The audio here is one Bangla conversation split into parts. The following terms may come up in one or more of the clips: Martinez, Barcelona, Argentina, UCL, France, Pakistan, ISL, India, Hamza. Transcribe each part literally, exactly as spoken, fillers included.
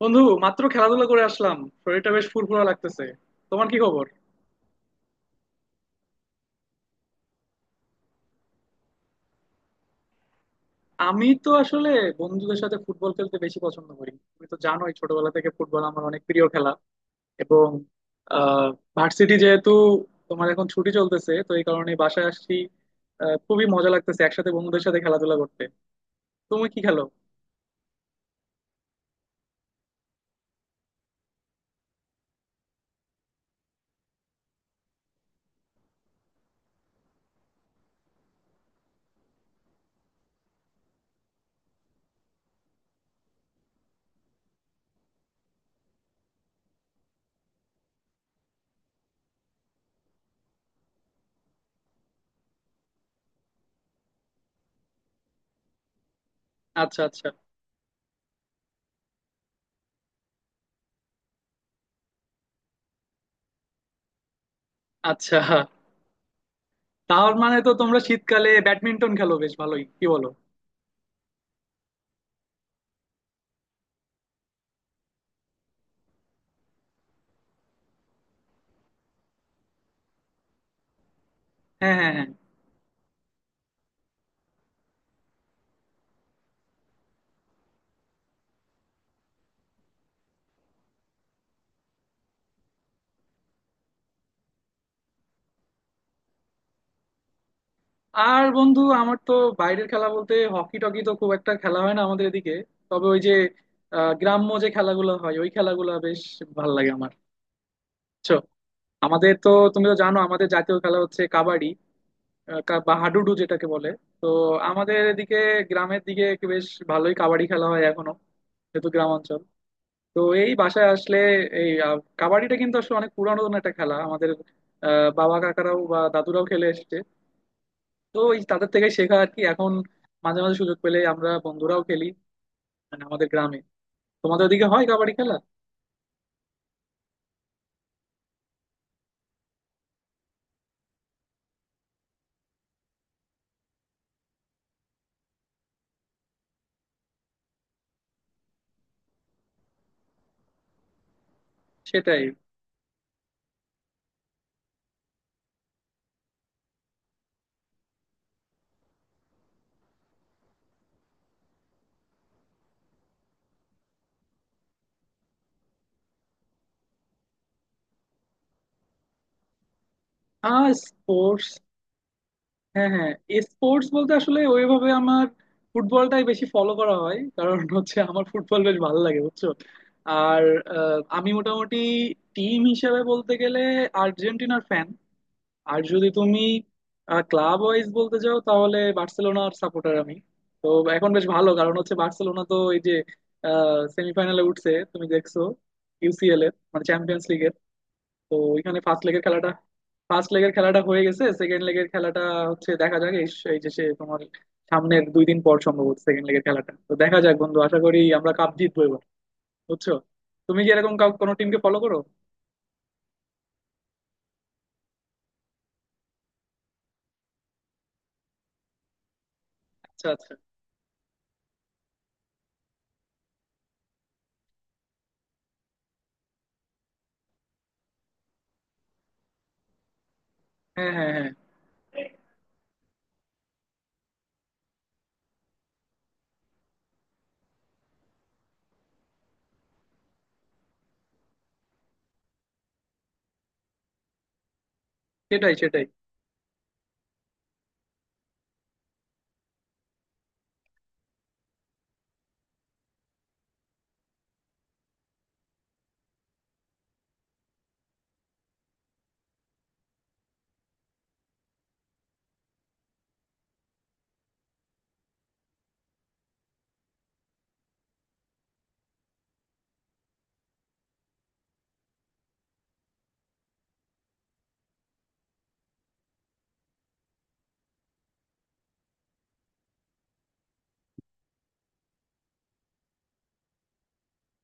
বন্ধু, মাত্র খেলাধুলা করে আসলাম। শরীরটা বেশ ফুরফুরা লাগতেছে। তোমার কি খবর? আমি তো আসলে বন্ধুদের সাথে ফুটবল খেলতে বেশি পছন্দ করি। তুমি তো জানোই, ছোটবেলা থেকে ফুটবল আমার অনেক প্রিয় খেলা। এবং আহ ভার্সিটি যেহেতু তোমার এখন ছুটি চলতেছে, তো এই কারণে বাসায় আসছি। আহ, খুবই মজা লাগতেছে একসাথে বন্ধুদের সাথে খেলাধুলা করতে। তুমি কি খেলো? আচ্ছা, আচ্ছা, আচ্ছা। তার মানে তো তোমরা শীতকালে ব্যাডমিন্টন খেলো বেশ ভালোই, কি বলো? হ্যাঁ, হ্যাঁ, হ্যাঁ। আর বন্ধু, আমার তো বাইরের খেলা বলতে হকি টকি তো খুব একটা খেলা হয় না আমাদের এদিকে। তবে ওই যে আহ, গ্রাম্য যে খেলাগুলো হয় ওই খেলাগুলো বেশ ভালো লাগে আমার, বুঝছো? আমাদের তো, তুমি তো জানো, আমাদের জাতীয় খেলা হচ্ছে কাবাডি। আহ, কা- বা হাডুডু যেটাকে বলে। তো আমাদের এদিকে গ্রামের দিকে একটু বেশ ভালোই কাবাডি খেলা হয় এখনো, যেহেতু গ্রাম অঞ্চল। তো এই বাসায় আসলে এই আহ, কাবাডিটা কিন্তু আসলে অনেক পুরানো একটা খেলা আমাদের। আহ, বাবা কাকারাও বা দাদুরাও খেলে এসেছে। তো ওই তাদের থেকে শেখা আর কি। এখন মাঝে মাঝে সুযোগ পেলে আমরা বন্ধুরাও খেলি, মানে আমাদের গ্রামে। তোমাদের ওদিকে হয় কাবাডি খেলা? সেটাই। আর স্পোর্টস? হ্যাঁ, হ্যাঁ। স্পোর্টস বলতে আসলে ওইভাবে আমার ফুটবলটাই বেশি ফলো করা হয়, কারণ হচ্ছে আমার ফুটবল বেশ ভালো লাগে বুঝছো। আর আহ, আমি মোটামুটি টিম হিসেবে বলতে গেলে আর্জেন্টিনার ফ্যান। আর যদি তুমি ক্লাব ওয়াইজ বলতে চাও, তাহলে বার্সেলোনার সাপোর্টার আমি। তো এখন বেশ ভালো, কারণ হচ্ছে বার্সেলোনা তো এই যে সেমিফাইনালে উঠছে তুমি দেখছো, ইউসিএল এর মানে চ্যাম্পিয়ন্স লিগের। তো ওইখানে ফার্স্ট লেগের খেলাটা ফার্স্ট লেগের খেলাটা হয়ে গেছে, সেকেন্ড লেগের খেলাটা হচ্ছে। দেখা যাক। এই এই যে সে তোমার সামনের দুই দিন পর সম্ভবত সেকেন্ড লেগের খেলাটা, তো দেখা যাক বন্ধু, আশা করি আমরা কাপ জিতবো এবার, বুঝছো। তুমি কি এরকম কাউ- কোনো টিমকে ফলো করো? আচ্ছা, আচ্ছা। হ্যাঁ, হ্যাঁ, হ্যাঁ। সেটাই, সেটাই।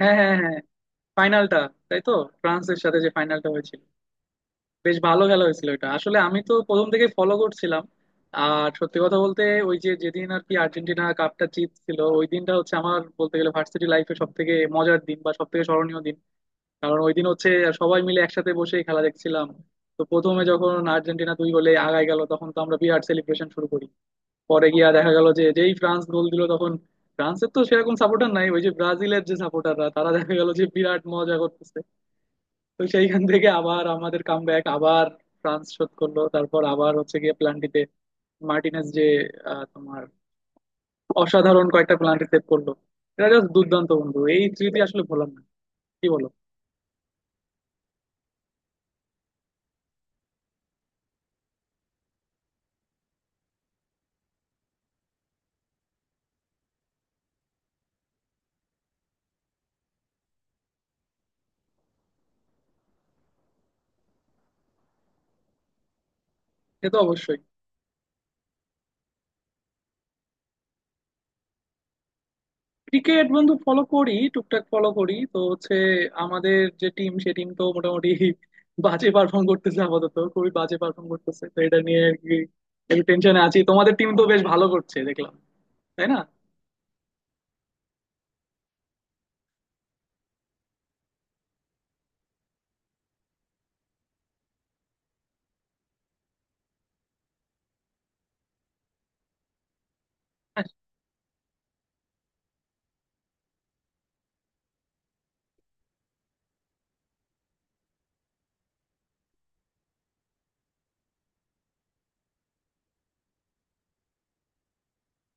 হ্যাঁ, হ্যাঁ, হ্যাঁ। ফাইনালটা? তাই তো, ফ্রান্সের সাথে যে ফাইনালটা হয়েছিল, বেশ ভালো খেলা হয়েছিল। এটা আসলে আমি তো প্রথম থেকে ফলো করছিলাম। আর সত্যি কথা বলতে, ওই যে যেদিন আর কি আর্জেন্টিনা কাপটা জিতছিল, ওই দিনটা হচ্ছে আমার বলতে গেলে ভার্সিটি লাইফে সব থেকে মজার দিন বা সব থেকে স্মরণীয় দিন। কারণ ওই দিন হচ্ছে সবাই মিলে একসাথে বসে খেলা দেখছিলাম। তো প্রথমে যখন আর্জেন্টিনা দুই গোলে আগায় গেল, তখন তো আমরা বিরাট সেলিব্রেশন শুরু করি। পরে গিয়া দেখা গেল যে যেই ফ্রান্স গোল দিল, তখন ফ্রান্সের তো সেরকম সাপোর্টার নাই। ওই যে ব্রাজিলের যে সাপোর্টাররা, তারা দেখা গেল যে বিরাট মজা করতেছে। তো সেইখান থেকে আবার আমাদের কাম ব্যাক, আবার ফ্রান্স শোধ করলো। তারপর আবার হচ্ছে গিয়ে প্লান্টিতে মার্টিনেস যে আহ, তোমার অসাধারণ কয়েকটা প্লান্টি সেভ করলো। এটা জাস্ট দুর্দান্ত বন্ধু, এই স্মৃতি আসলে ভোলার না। কি বলো? সে তো অবশ্যই। ক্রিকেট বন্ধু ফলো করি, টুকটাক ফলো করি। তো হচ্ছে আমাদের যে টিম সে টিম তো মোটামুটি বাজে পারফর্ম করতেছে। আপাতত খুবই বাজে পারফর্ম করতেছে, তো এটা নিয়ে আর কি একটু টেনশনে আছি। তোমাদের টিম তো বেশ ভালো করছে দেখলাম, তাই না?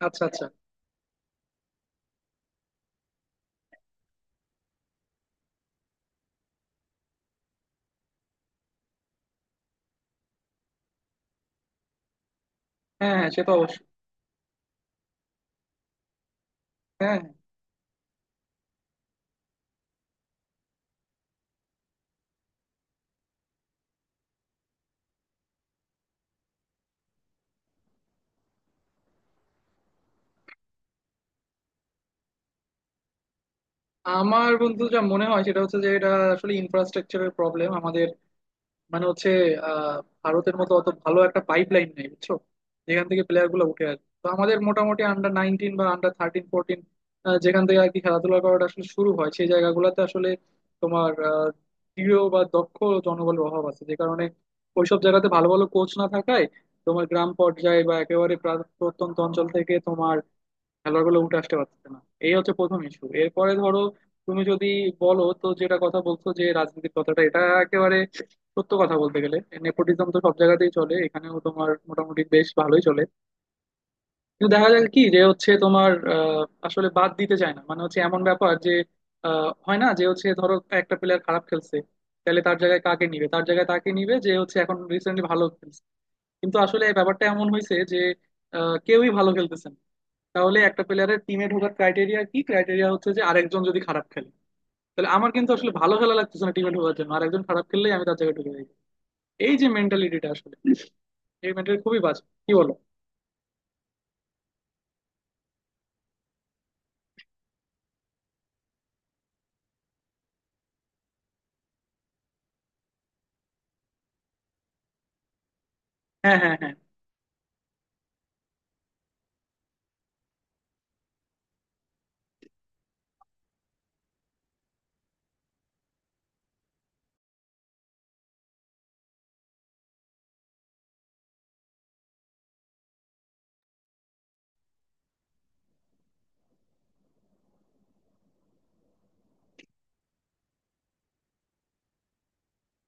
আচ্ছা, আচ্ছা। হ্যাঁ, হ্যাঁ, সে তো অবশ্যই। হ্যাঁ। আমার বন্ধু যা মনে হয় সেটা হচ্ছে যে এটা আসলে ইনফ্রাস্ট্রাকচারের প্রবলেম আমাদের। মানে হচ্ছে আহ ভারতের মতো অত ভালো একটা পাইপলাইন নেই বুঝছো, যেখান থেকে প্লেয়ার গুলো উঠে আসে। তো আমাদের মোটামুটি আন্ডার নাইনটিন বা আন্ডার থার্টিন ফোরটিন, যেখান থেকে আর কি খেলাধুলা করাটা আসলে শুরু হয়, সেই জায়গাগুলোতে আসলে তোমার আহ, দৃঢ় বা দক্ষ জনবলের অভাব আছে। যে কারণে ওইসব জায়গাতে ভালো ভালো কোচ না থাকায় তোমার গ্রাম পর্যায়ে বা একেবারে প্রা- প্রত্যন্ত অঞ্চল থেকে তোমার খেলোয়াড়গুলো উঠে আসতে পারছে না। এই হচ্ছে প্রথম ইস্যু। এরপরে ধরো, তুমি যদি বলো তো, যেটা কথা বলছো যে রাজনীতির কথাটা, এটা একেবারে সত্য কথা বলতে গেলে নেপোটিজম তো সব জায়গাতেই চলে, এখানেও তোমার মোটামুটি বেশ ভালোই চলে। কিন্তু দেখা যায় কি যে হচ্ছে তোমার আহ, আসলে বাদ দিতে চায় না। মানে হচ্ছে এমন ব্যাপার যে আহ, হয় না যে হচ্ছে, ধরো একটা প্লেয়ার খারাপ খেলছে, তাহলে তার জায়গায় কাকে নিবে? তার জায়গায় তাকে নিবে যে হচ্ছে এখন রিসেন্টলি ভালো খেলছে। কিন্তু আসলে ব্যাপারটা এমন হয়েছে যে আহ, কেউই ভালো খেলতেছে না। তাহলে একটা প্লেয়ারের টিমে ঢোকার ক্রাইটেরিয়া কি? ক্রাইটেরিয়া হচ্ছে যে আরেকজন যদি খারাপ খেলে, তাহলে আমার কিন্তু আসলে ভালো খেলা লাগতেছে না টিমে ঢোকার জন্য, আরেকজন খারাপ খেললেই আমি তার জায়গায় ঢুকে যাই। এই যে মেন্টালিটিটা আসলে, এই মেন্টালিটি খুবই বাজে, কি বলো? হ্যাঁ, হ্যাঁ, হ্যাঁ।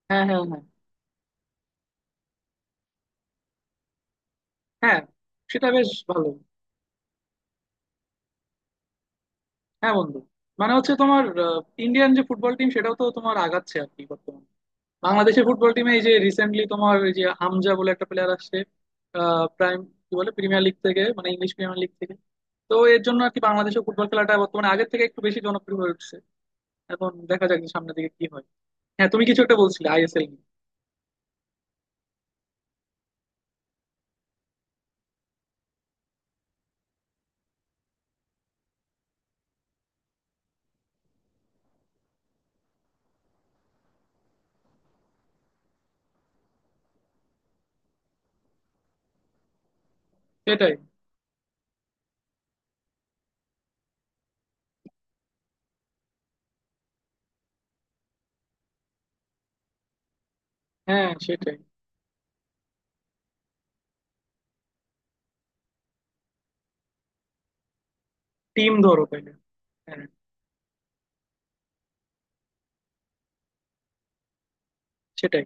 হ্যাঁ, হ্যাঁ, হ্যাঁ। হ্যাঁ, সেটা বেশ ভালো। হ্যাঁ বন্ধু, মানে হচ্ছে তোমার ইন্ডিয়ান যে ফুটবল টিম সেটাও তো তোমার আগাচ্ছে আর কি বর্তমানে। বাংলাদেশের ফুটবল টিমে এই যে রিসেন্টলি তোমার এই যে হামজা বলে একটা প্লেয়ার আসছে আহ, প্রাইম কি বলে প্রিমিয়ার লিগ থেকে, মানে ইংলিশ প্রিমিয়ার লিগ থেকে। তো এর জন্য আর কি বাংলাদেশের ফুটবল খেলাটা বর্তমানে আগের থেকে একটু বেশি জনপ্রিয় হয়ে উঠছে। এখন দেখা যাক যে সামনের দিকে কি হয়। হ্যাঁ, তুমি কিছু একটা বলছিলে আইএসএল নিয়ে। সেটাই। হ্যাঁ, সেটাই। টিম ধরো তাইলে। হ্যাঁ। সেটাই।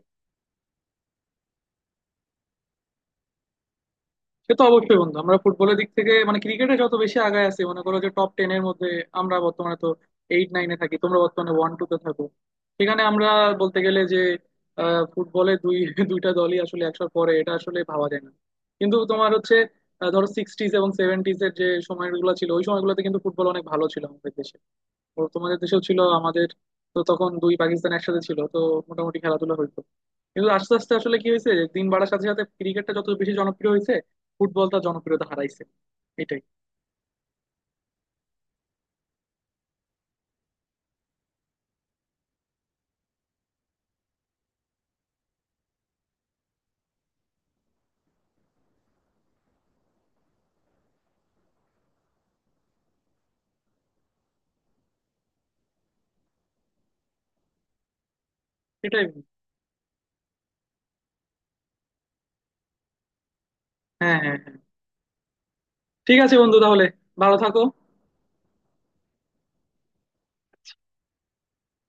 সে তো অবশ্যই বন্ধু, আমরা ফুটবলের দিক থেকে, মানে ক্রিকেটে যত বেশি আগায় আছি মনে করো যে টপ টেন এর মধ্যে, আমরা বর্তমানে তো এইট নাইনে থাকি, তোমরা বর্তমানে ওয়ান টু তে থাকো। সেখানে আমরা বলতে গেলে যে আহ, ফুটবলে দুই দুইটা দলই আসলে একসাথে পরে, এটা আসলে ভাবা যায় না। কিন্তু তোমার হচ্ছে আহ, ধরো সিক্সটিজ এবং সেভেন্টিজ এর যে সময়গুলো ছিল, ওই সময়গুলোতে কিন্তু ফুটবল অনেক ভালো ছিল আমাদের দেশে, ও তোমাদের দেশেও ছিল। আমাদের তো তখন দুই পাকিস্তান একসাথে ছিল, তো মোটামুটি খেলাধুলা হইতো। কিন্তু আস্তে আস্তে আসলে কি হয়েছে যে দিন বাড়ার সাথে সাথে ক্রিকেটটা যত বেশি জনপ্রিয় হয়েছে, ফুটবলটা জনপ্রিয়তা হারাইছে। এটাই। এটাই বন্ধু। হ্যাঁ, হ্যাঁ, হ্যাঁ। ঠিক আছে বন্ধু, তাহলে ভালো থাকো।